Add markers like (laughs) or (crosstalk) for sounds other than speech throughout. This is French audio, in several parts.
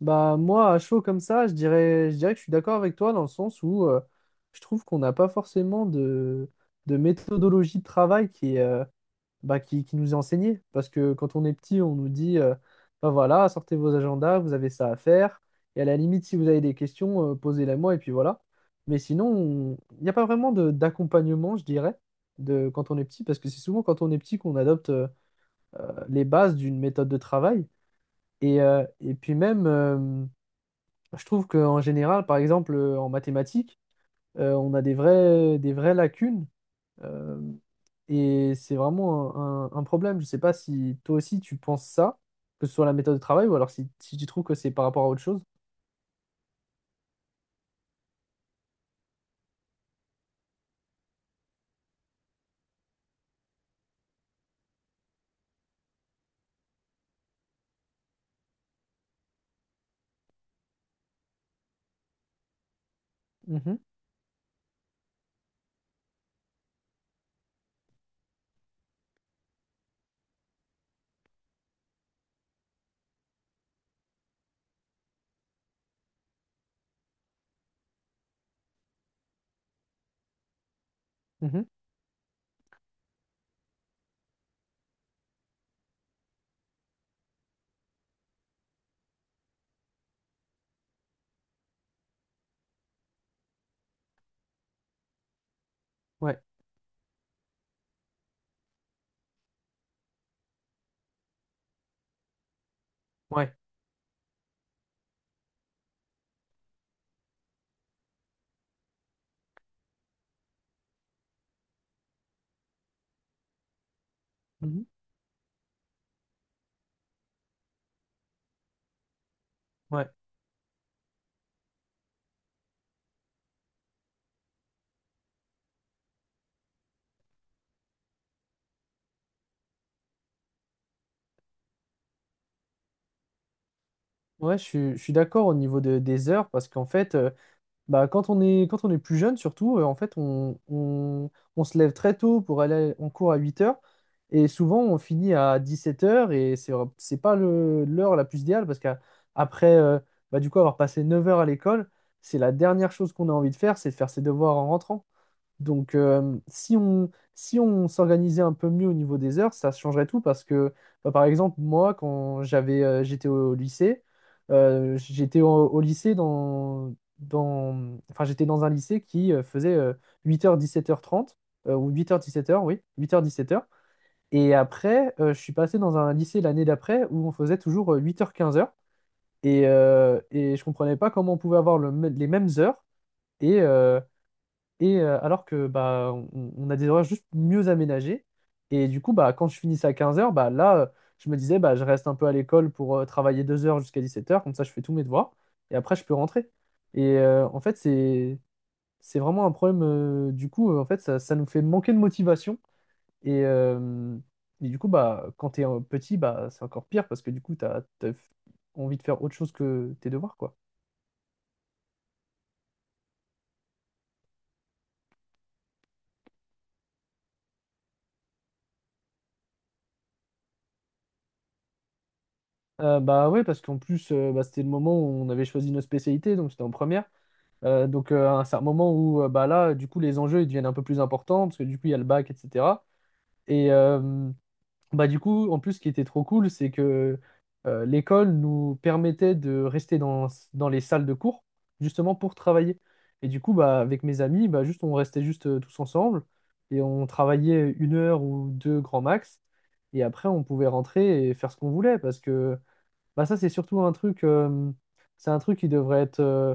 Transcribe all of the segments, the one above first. Bah moi, à chaud comme ça, je dirais que je suis d'accord avec toi dans le sens où je trouve qu'on n'a pas forcément de méthodologie de travail bah, qui nous est enseignée. Parce que quand on est petit, on nous dit, bah voilà, sortez vos agendas, vous avez ça à faire. Et à la limite, si vous avez des questions, posez-les moi et puis voilà. Mais sinon, il n'y a pas vraiment d'accompagnement, je dirais, de quand on est petit, parce que c'est souvent quand on est petit qu'on adopte les bases d'une méthode de travail. Et puis même. Je trouve qu'en général, par exemple, en mathématiques, on a des vraies lacunes euh, et c'est vraiment un problème. Je ne sais pas si toi aussi tu penses ça, que ce soit la méthode de travail ou alors si tu trouves que c'est par rapport à autre chose. Mhm, mhm, ouais, ouais. Mhm. Ouais, ouais, je suis d'accord au niveau des heures parce qu'en fait, bah, quand on est plus jeune, surtout, en fait, on se lève très tôt pour aller en cours à 8 heures, et souvent on finit à 17 heures, et c'est pas l'heure la plus idéale parce qu'après, bah, du coup, avoir passé 9 heures à l'école, c'est la dernière chose qu'on a envie de faire, c'est de faire ses devoirs en rentrant. Donc, si on s'organisait un peu mieux au niveau des heures, ça changerait tout parce que, bah, par exemple, moi, quand j'étais au lycée, j'étais au, au lycée dans, dans, enfin, j'étais dans un lycée qui faisait heures 17h30, ou 8 heures 17 heures oui, 8 heures 17 heures. Et après, je suis passé dans un lycée l'année d'après où on faisait toujours 8 heures 15 heures. Et je comprenais pas comment on pouvait avoir les mêmes heures. Et, euh, alors que bah, on a des horaires juste mieux aménagés. Et du coup, bah, quand je finissais à 15 heures, bah, là, je me disais, bah, je reste un peu à l'école pour travailler 2 heures jusqu'à 17 heures, comme ça je fais tous mes devoirs, et après je peux rentrer. En fait, c'est vraiment un problème. Du coup, en fait, ça nous fait manquer de motivation. Et, euh, et du coup, bah, quand t'es petit, bah, c'est encore pire parce que du coup, t'as envie de faire autre chose que tes devoirs, quoi. Bah ouais, parce qu'en plus, bah, c'était le moment où on avait choisi nos spécialités, donc c'était en première. Donc c'est un moment où bah là, du coup, les enjeux ils deviennent un peu plus importants parce que du coup, il y a le bac, etc. Et euh, Bah du coup, en plus, ce qui était trop cool, c'est que l'école nous permettait de rester dans les salles de cours justement pour travailler. Et du coup, bah, avec mes amis, bah, juste, on restait juste tous ensemble et on travaillait 1 heure ou deux grand max. Et après, on pouvait rentrer et faire ce qu'on voulait parce que bah ça, c'est surtout un truc, c'est un truc qui devrait être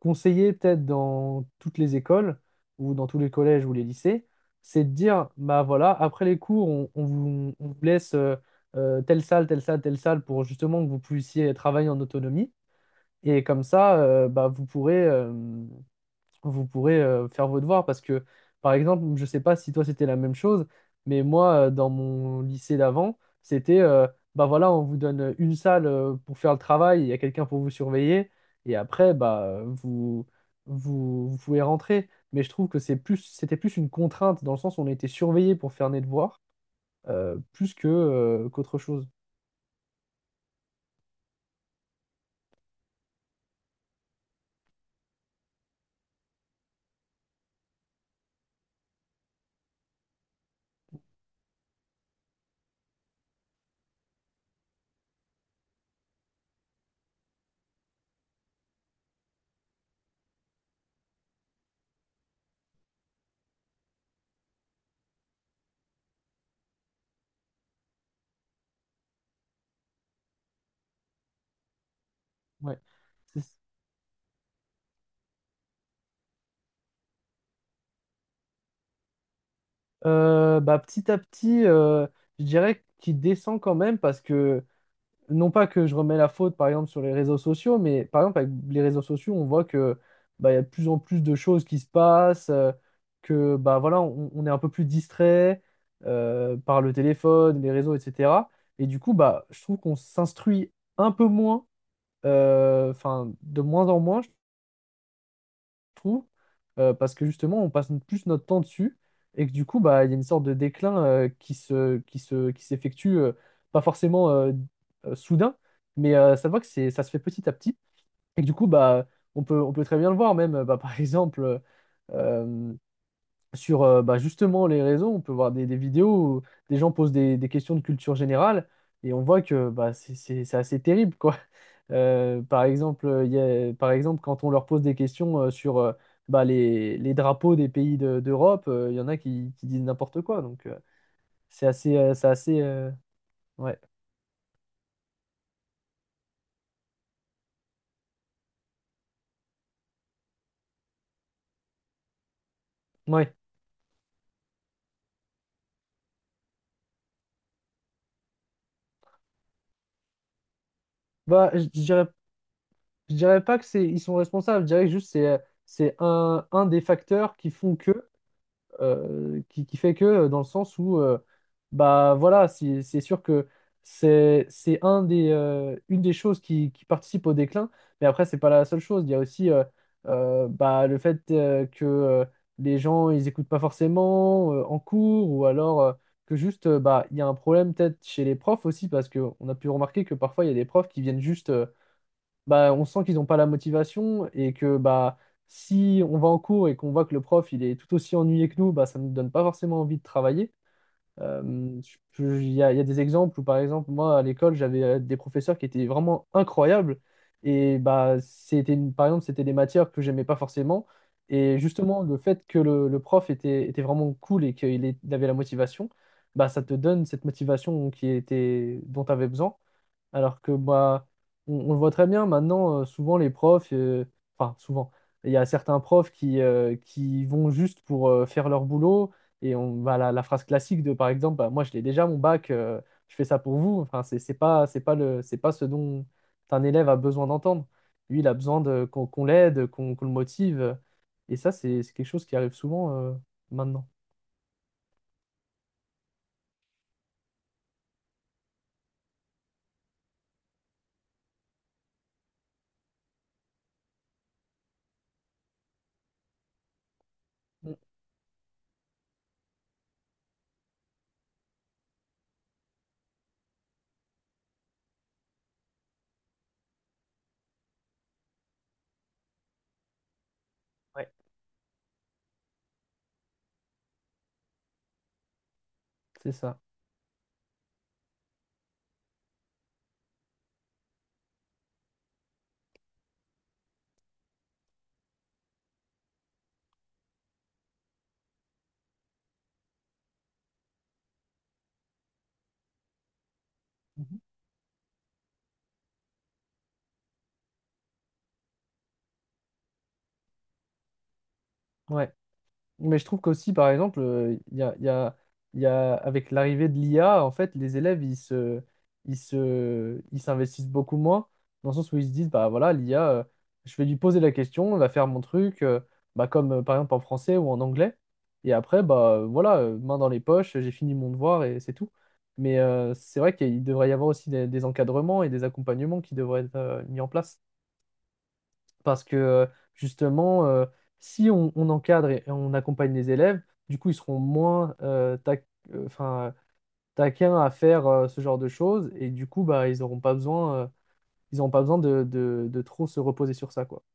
conseillé peut-être dans toutes les écoles ou dans tous les collèges ou les lycées. C'est de dire, bah voilà, après les cours, on vous laisse telle salle, telle salle, telle salle pour justement que vous puissiez travailler en autonomie. Et comme ça, bah, vous pourrez faire vos devoirs parce que, par exemple, je ne sais pas si toi c'était la même chose, mais moi, dans mon lycée d'avant, c'était, bah voilà, on vous donne une salle pour faire le travail, il y a quelqu'un pour vous surveiller, et après, bah, vous pouvez rentrer. Mais je trouve que c'était plus une contrainte, dans le sens où on était surveillé pour faire nos devoirs, qu'autre chose. Ouais. C'est- Bah, petit à petit, je dirais qu'il descend quand même parce que non pas que je remets la faute, par exemple, sur les réseaux sociaux, mais par exemple, avec les réseaux sociaux, on voit que bah, il y a de plus en plus de choses qui se passent, que bah voilà, on est un peu plus distrait par le téléphone, les réseaux, etc. Et du coup, bah, je trouve qu'on s'instruit un peu moins, enfin, de moins en moins, trouve, parce que justement, on passe plus notre temps dessus et que du coup, bah, il y a une sorte de déclin qui s'effectue, pas forcément soudain, mais ça va que ça se fait petit à petit, et que du coup, bah, on peut très bien le voir même, bah, (laughs) par exemple. euh, Sur bah, justement les réseaux, on peut voir des vidéos où des gens posent des questions de culture générale, et on voit que bah, c'est assez terrible, quoi. (laughs) Par exemple, par exemple, quand on leur pose des questions sur bah, les drapeaux des pays d'Europe, il y en a qui disent n'importe quoi. Donc, c'est assez ouais. Ouais. Bah, je dirais pas que ils sont responsables, je dirais que juste c'est un des facteurs qui font que. Qui fait que, dans le sens où, bah voilà, c'est sûr que une des choses qui participe au déclin, mais après, c'est pas la seule chose. Il y a aussi bah, le fait que les gens, ils écoutent pas forcément en cours, ou alors que juste, bah, il y a un problème peut-être chez les profs aussi, parce qu'on a pu remarquer que parfois, il y a des profs qui viennent juste. Bah, on sent qu'ils n'ont pas la motivation et que bah, si on va en cours et qu'on voit que le prof il est tout aussi ennuyé que nous, bah, ça ne nous donne pas forcément envie de travailler. Il y a des exemples où, par exemple, moi, à l'école, j'avais des professeurs qui étaient vraiment incroyables. Et bah, par exemple, c'était des matières que j'aimais pas forcément. Et justement, le fait que le prof était vraiment cool et il avait la motivation, bah, ça te donne cette motivation dont tu avais besoin. Alors que bah, on le voit très bien maintenant, enfin souvent, il y a certains profs qui vont juste pour faire leur boulot, et on va à la phrase classique de, par exemple, bah, moi je l'ai déjà mon bac, je fais ça pour vous. Enfin, c'est pas ce dont un élève a besoin d'entendre. Lui, il a besoin qu'on l'aide, qu'on le motive. Et ça, c'est quelque chose qui arrive souvent maintenant. Mm, ouais. C'est ça. Mhm. Ouais. Mais je trouve qu'aussi, par exemple, il y a, il y a- il y a- avec l'arrivée de l'IA, en fait, les élèves, ils s'investissent beaucoup moins, dans le sens où ils se disent, bah voilà, l'IA, je vais lui poser la question, elle va faire mon truc, bah, comme par exemple en français ou en anglais. Et après, bah voilà, main dans les poches, j'ai fini mon devoir et c'est tout. Mais c'est vrai qu'il devrait y avoir aussi des encadrements et des accompagnements qui devraient être mis en place. Parce que justement, si on encadre et on accompagne les élèves, du coup, ils seront moins enfin, taquins à faire ce genre de choses. Et du coup, bah, ils auront pas besoin de trop se reposer sur ça, quoi.